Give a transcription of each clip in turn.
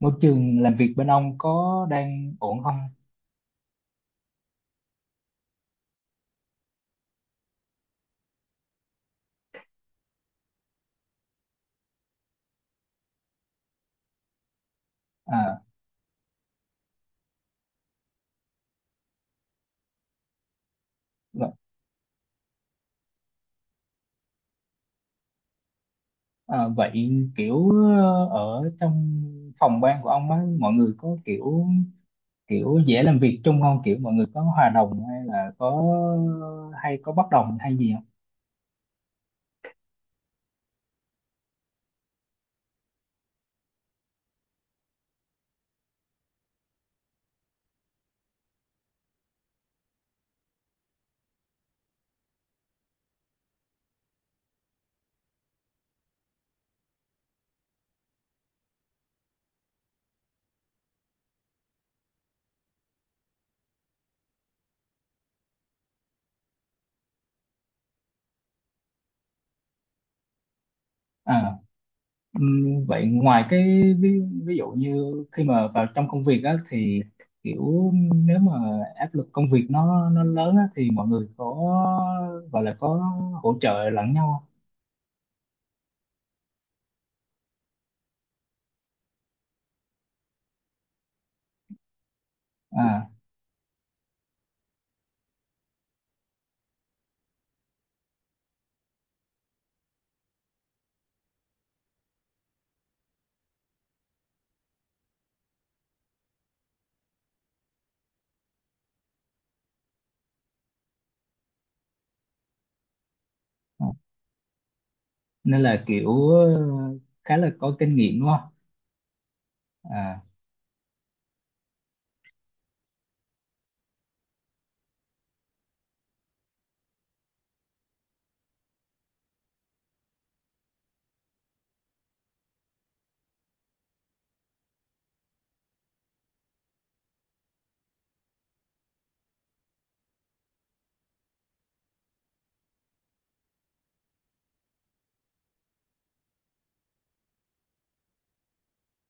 Môi trường làm việc bên ông có đang ổn không? À, v- à vậy kiểu ở trong phòng ban của ông á, mọi người có kiểu kiểu dễ làm việc chung không, kiểu mọi người có hòa đồng hay là có hay có bất đồng hay gì không? À, vậy ngoài cái ví dụ như khi mà vào trong công việc á thì kiểu nếu mà áp lực công việc nó lớn á thì mọi người có gọi là có hỗ trợ lẫn nhau không? À. À. Nên là kiểu khá là có kinh nghiệm đúng không? À,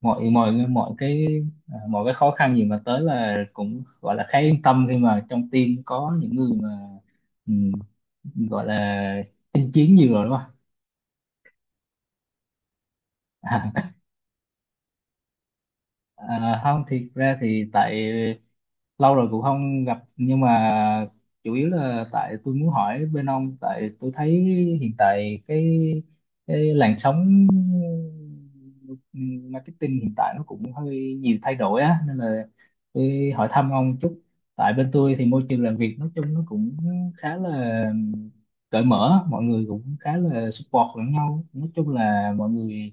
mọi mọi mọi cái, à, mọi cái khó khăn gì mà tới là cũng gọi là khá yên tâm khi mà trong team có những người mà, ừm, gọi là chinh chiến nhiều rồi đúng không? À, à, không, thiệt ra thì tại lâu rồi cũng không gặp nhưng mà chủ yếu là tại tôi muốn hỏi bên ông, tại tôi thấy hiện tại cái làn sóng marketing hiện tại nó cũng hơi nhiều thay đổi á nên là tôi hỏi thăm ông chút. Tại bên tôi thì môi trường làm việc nói chung nó cũng khá là cởi mở, mọi người cũng khá là support lẫn nhau, nói chung là mọi người,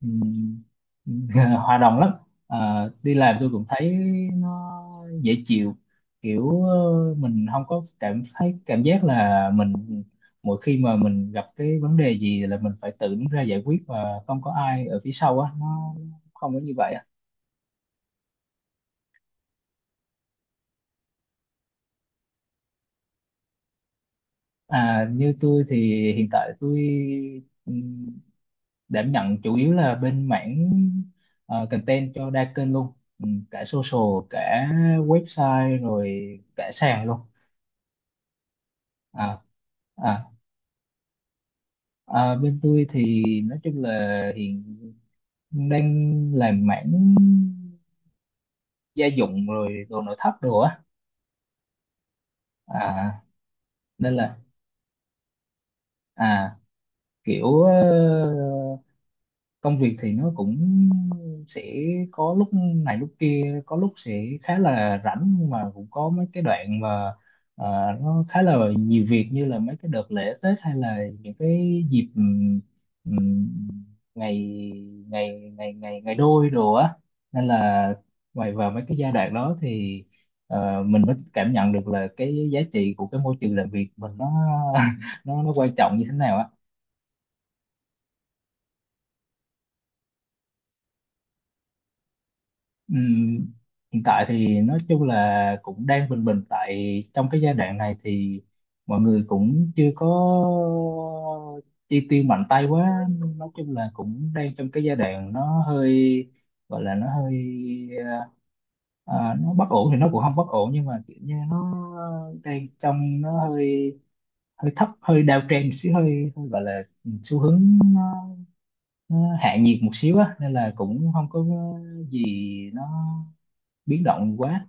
ừm, hòa đồng lắm. Ờ, đi làm tôi cũng thấy nó dễ chịu, kiểu mình không có cảm thấy cảm giác là mình mỗi khi mà mình gặp cái vấn đề gì là mình phải tự đứng ra giải quyết và không có ai ở phía sau á, nó không có như vậy á. À, như tôi thì hiện tại tôi ừm, đảm nhận chủ yếu là bên mảng content cho đa kênh luôn. Ừ, cả social cả website rồi cả sàn luôn. À, à, ờ, bên tôi thì nói chung là hiện đang làm mảng gia dụng rồi đồ nội thất đồ á. À, nên là à kiểu công việc thì nó cũng sẽ có lúc này lúc kia, có lúc sẽ khá là rảnh nhưng mà cũng có mấy cái đoạn mà nó khá là nhiều việc, như là mấy cái đợt lễ Tết hay là những cái dịp ừm, ngày ngày ngày ngày ngày đôi đồ á. Nên là ngoài vào mấy cái giai đoạn đó thì mình mới cảm nhận được là cái giá trị của cái môi trường làm việc mình nó nó quan trọng như thế nào á. Ừm, hiện tại thì nói chung là cũng đang bình bình, tại trong cái giai đoạn này thì mọi người cũng chưa có chi tiêu mạnh tay quá. Nói chung là cũng đang trong cái giai đoạn nó hơi gọi là nó hơi ờ, nó bất ổn thì nó cũng không bất ổn nhưng mà kiểu như nó đang trong nó hơi hơi thấp, hơi downtrend một xíu, hơi gọi là ừ, xu hướng nó, nó hạ nhiệt một xíu á, nên là cũng không có gì nó biến động quá.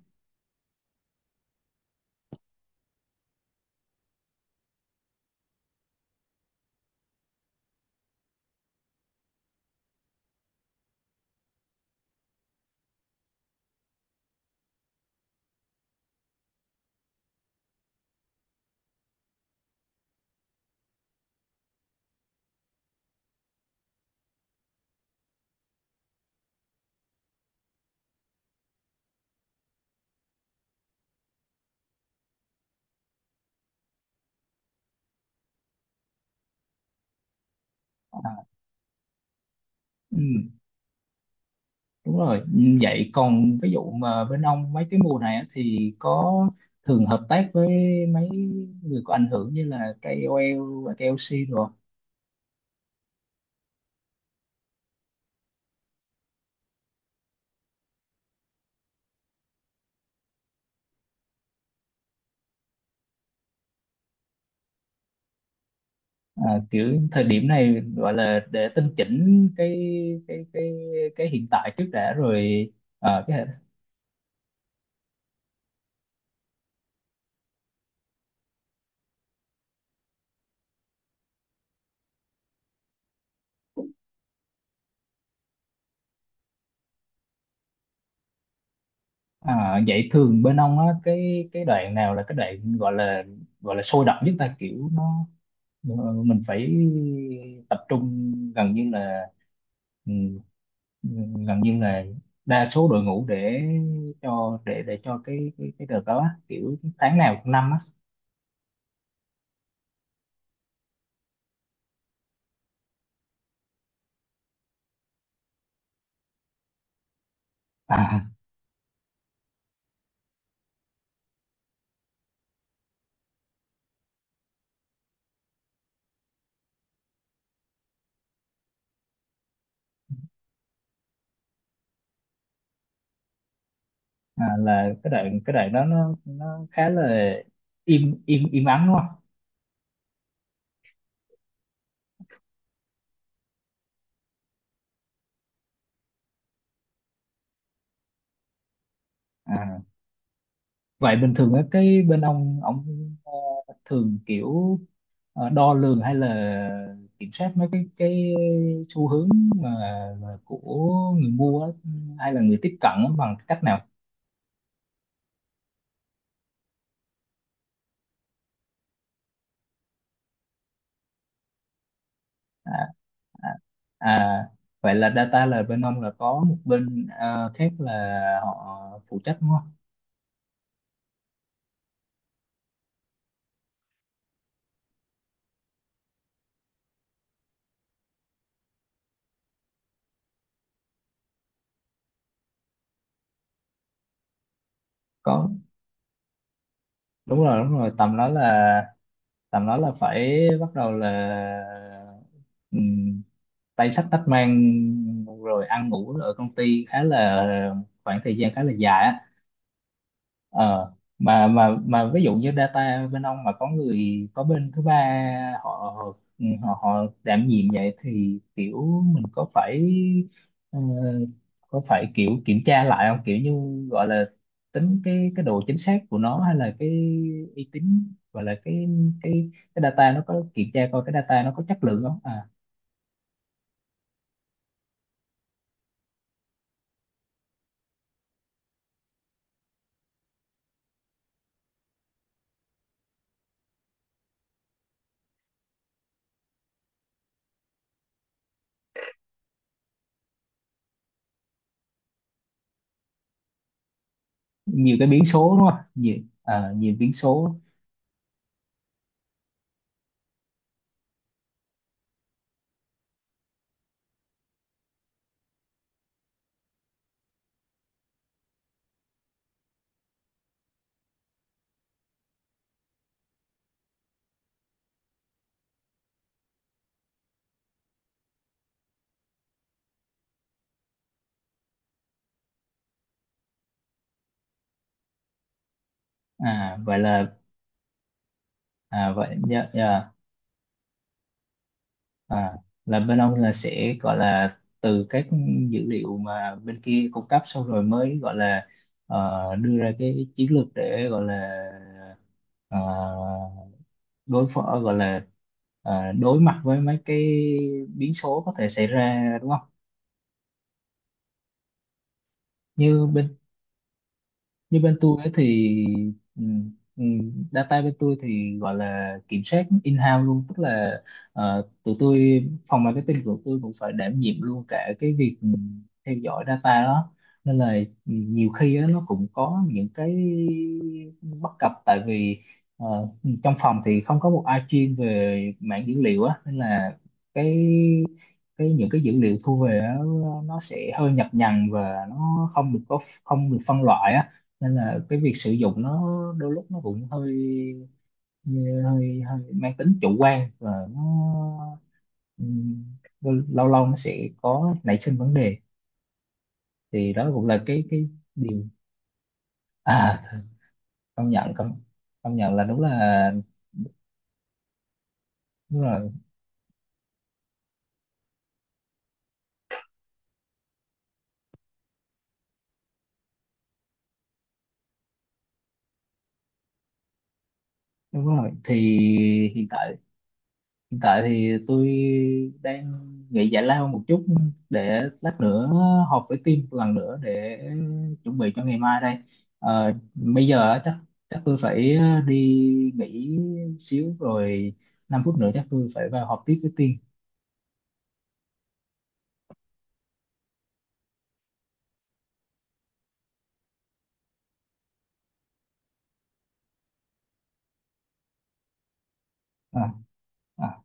À, ừm, đúng rồi. Vậy còn ví dụ mà bên ông mấy cái mùa này á, thì có thường hợp tác với mấy người có ảnh hưởng như là KOL và KOC rồi không? À, kiểu thời điểm này gọi là để tinh chỉnh cái cái cái hiện tại trước đã rồi. À, cái, à, vậy thường bên ông á cái đoạn nào là cái đoạn gọi là sôi động nhất ta, kiểu nó, ờ, mình phải tập trung gần như là ừ, gần như là đa số đội ngũ để cho cái cái đợt đó á, kiểu tháng nào trong năm á? À, à, là cái đoạn đó nó khá là im im im ắng đúng không? À, vậy bình thường á, cái bên ông ờ, thường kiểu đo lường hay là kiểm soát mấy cái xu hướng mà, mà của người mua á, hay là người tiếp cận á, bằng cách nào? À, à, à, vậy là data là bên ông là có một bên khác là họ phụ trách đúng không? Có, đúng rồi tầm đó là, tầm đó là phải bắt đầu là tay sách tách mang rồi ăn ngủ ở công ty, khá là khoảng thời gian khá là dài á. Ờ, mà ví dụ như data bên ông mà có người có bên thứ ba họ họ họ đảm nhiệm, vậy thì kiểu mình có phải ờ, có phải kiểu kiểm tra lại không, kiểu như gọi là tính cái độ chính xác của nó hay là cái uy tín, gọi là cái cái data nó có kiểm tra coi cái data nó có chất lượng không? À, nhiều cái biến số đúng không, nhiều nhiều biến số. À vậy là à, vậy dạ, dạ, à, là bên ông là sẽ gọi là từ các dữ liệu mà bên kia cung cấp xong rồi mới gọi là đưa ra cái chiến lược để gọi là ờ, đối phó, gọi là đối mặt với mấy cái biến số có thể xảy ra đúng không? Như bên, như bên tôi ấy thì data bên tôi thì gọi là kiểm soát in-house luôn, tức là tụi tôi, phòng marketing của tôi cũng phải đảm nhiệm luôn cả cái việc theo dõi data đó. Nên là nhiều khi á, nó cũng có những cái bất cập, tại vì ờ, trong phòng thì không có một ai chuyên về mảng dữ liệu á, nên là cái cái những cái dữ liệu thu về á, nó sẽ hơi nhập nhằng và nó không được phân loại á. Nên là cái việc sử dụng nó đôi lúc nó cũng hơi hơi hơi mang tính chủ quan và nó ừm, lâu lâu nó sẽ có nảy sinh vấn đề. Thì đó cũng là cái điều. À, công nhận, công công nhận là đúng, là đúng rồi đúng rồi. Thì hiện tại, hiện tại thì tôi đang nghỉ giải lao một chút để lát nữa họp với team một lần nữa để chuẩn bị cho ngày mai đây. Ờ, bây giờ á, chắc chắc tôi phải đi nghỉ xíu rồi, 5 phút nữa chắc tôi phải vào họp tiếp với team. À, à.